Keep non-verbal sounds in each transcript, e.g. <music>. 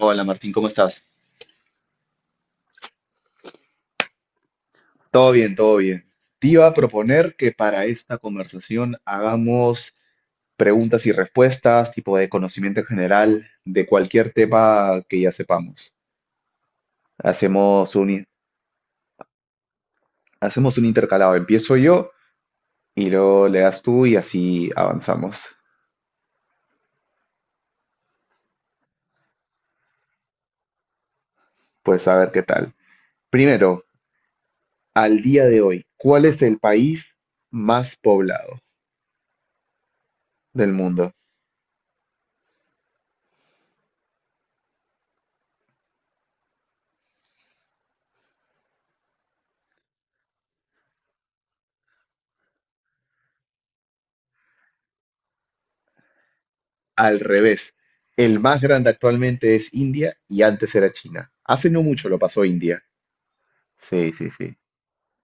Hola Martín, ¿cómo estás? Todo bien, todo bien. Te iba a proponer que para esta conversación hagamos preguntas y respuestas, tipo de conocimiento general, de cualquier tema que ya sepamos. Hacemos un, hacemos un intercalado. Empiezo yo y luego le das tú y así avanzamos. Pues a ver qué tal. Primero, al día de hoy, ¿cuál es el país más poblado del mundo? Al revés. El más grande actualmente es India y antes era China. Hace no mucho lo pasó India. Sí, sí, sí,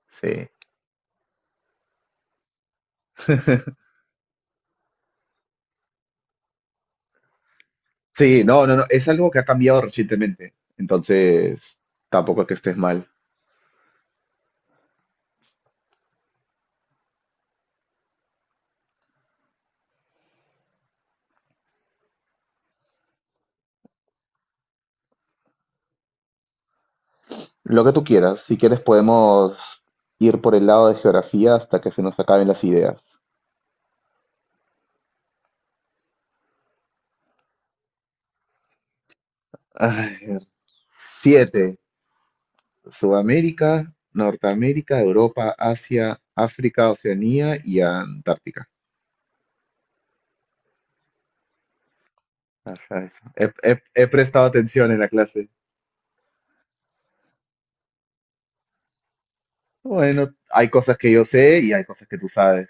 sí. <laughs> Sí, no, no, no, es algo que ha cambiado recientemente. Entonces, tampoco es que estés mal. Lo que tú quieras, si quieres podemos ir por el lado de geografía hasta que se nos acaben las ideas. Ay, siete. Sudamérica, Norteamérica, Europa, Asia, África, Oceanía y Antártica. Ajá, eso. He prestado atención en la clase. Bueno, hay cosas que yo sé y hay cosas que tú sabes.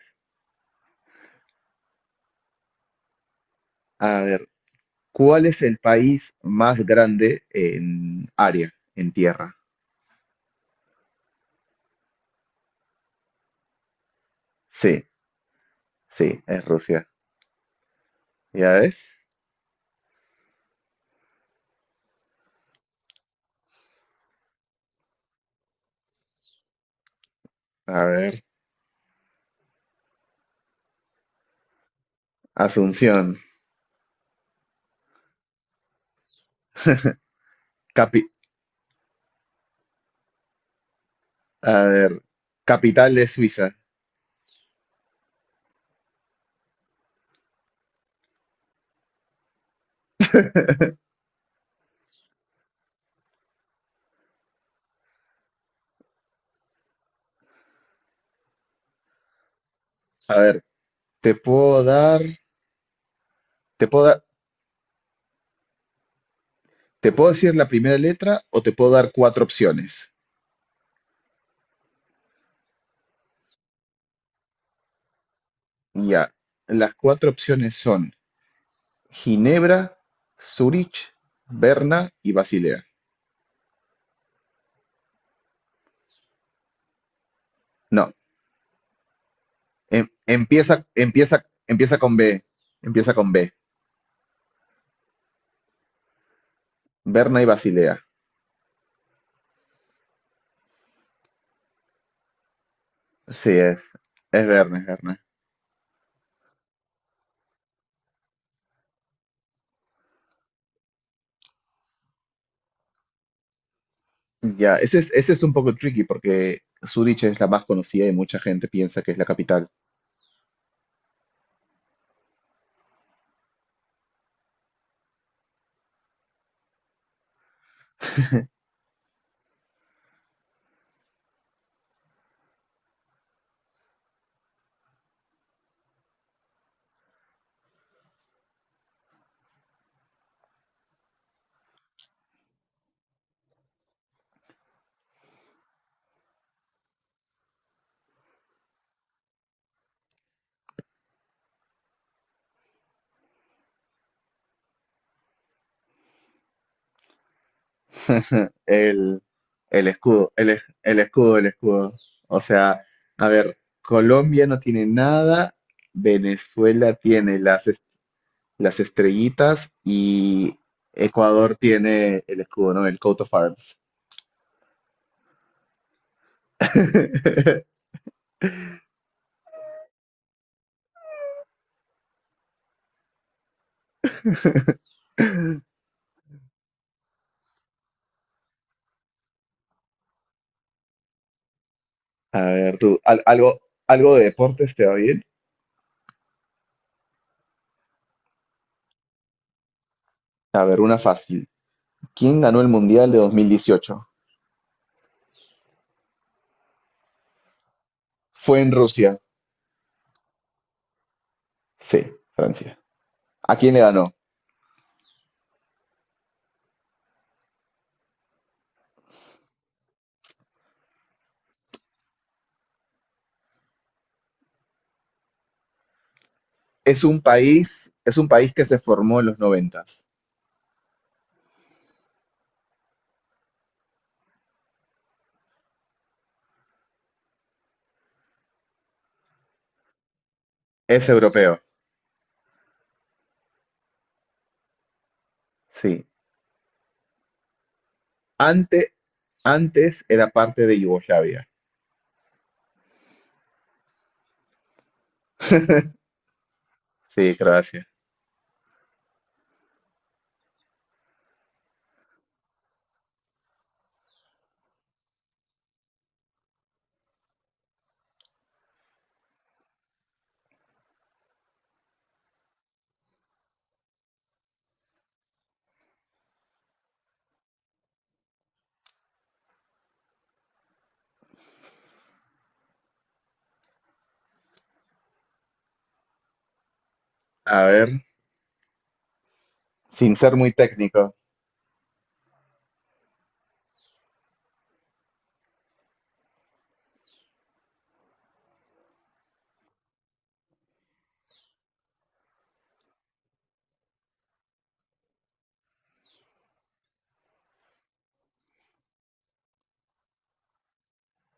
A ver, ¿cuál es el país más grande en área, en tierra? Sí, sí, es Rusia. ¿Ya ves? A ver, Asunción. <laughs> Capi- a ver, capital de Suiza. Te puedo dar, te puedo dar- Te puedo decir la primera letra o te puedo dar cuatro opciones. Ya, las cuatro opciones son Ginebra, Zúrich, Berna y Basilea. No, empieza con B. Empieza con B. Berna y Basilea. Sí, es. Es Berna, es Berna. Ya, ese es un poco tricky porque Zúrich es la más conocida y mucha gente piensa que es la capital. El, el escudo, el escudo. O sea, a ver, Colombia no tiene nada, Venezuela tiene las estrellitas y Ecuador tiene el escudo, ¿no? El coat of arms. <laughs> A ver, tú, algo de deportes te va bien. A ver, una fácil. ¿Quién ganó el Mundial de 2018? Fue en Rusia. Sí, Francia. ¿A quién le ganó? Es un país que se formó en los noventas. Es europeo. Sí. Ante- Antes era parte de Yugoslavia. Sí, Croacia. A ver, sin ser muy técnico,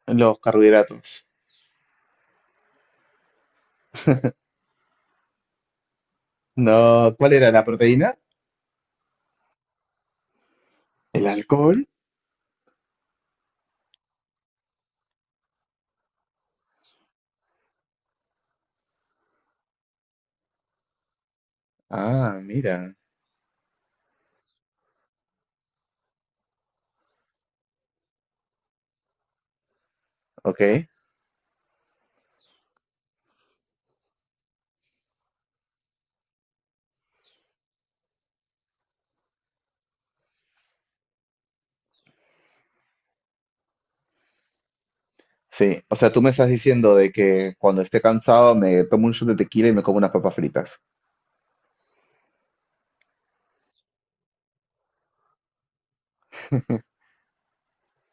los carbohidratos. No, ¿cuál era? ¿La proteína? ¿El alcohol? Ah, mira, ok. Sí, o sea, tú me estás diciendo de que cuando esté cansado me tomo un shot de tequila y me como unas papas fritas.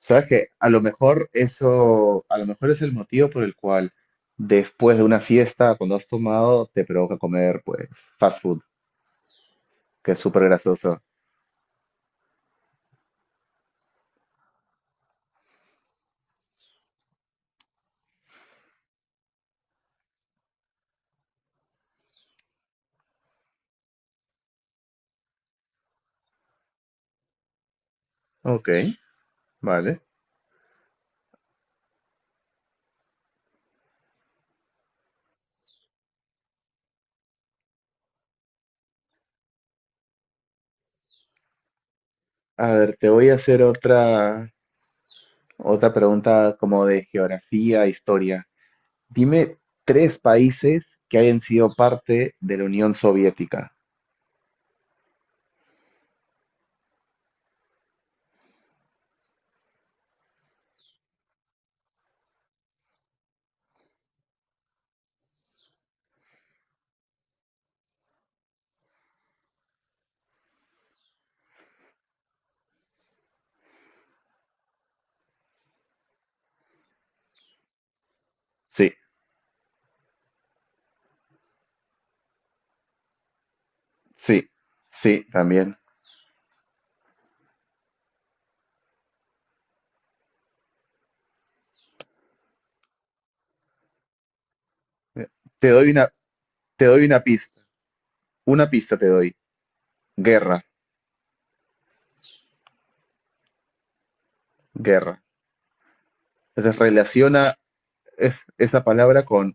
¿Sabes que a lo mejor eso, a lo mejor es el motivo por el cual después de una fiesta, cuando has tomado, te provoca comer, pues, fast food, que es súper grasoso. Ok, vale. A ver, te voy a hacer otra, otra pregunta como de geografía, historia. Dime 3 países que hayan sido parte de la Unión Soviética. Sí, sí, sí, también. Te doy una, te doy una pista. Una pista te doy. Guerra, guerra. Entonces relaciona esa palabra con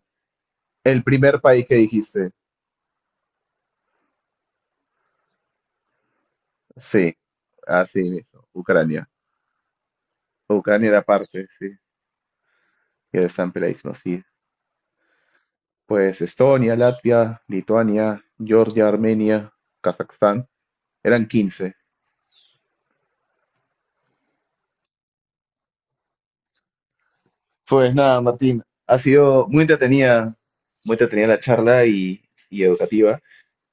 el primer país que dijiste. Sí, así mismo. Ucrania. Ucrania era parte, sí. Y el samplaísmo, sí. Pues Estonia, Latvia, Lituania, Georgia, Armenia, Kazajstán. Eran 15. Pues nada, Martín, ha sido muy entretenida la charla y educativa,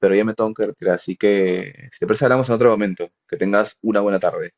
pero ya me tengo que retirar, así que si te parece hablamos en otro momento. Que tengas una buena tarde.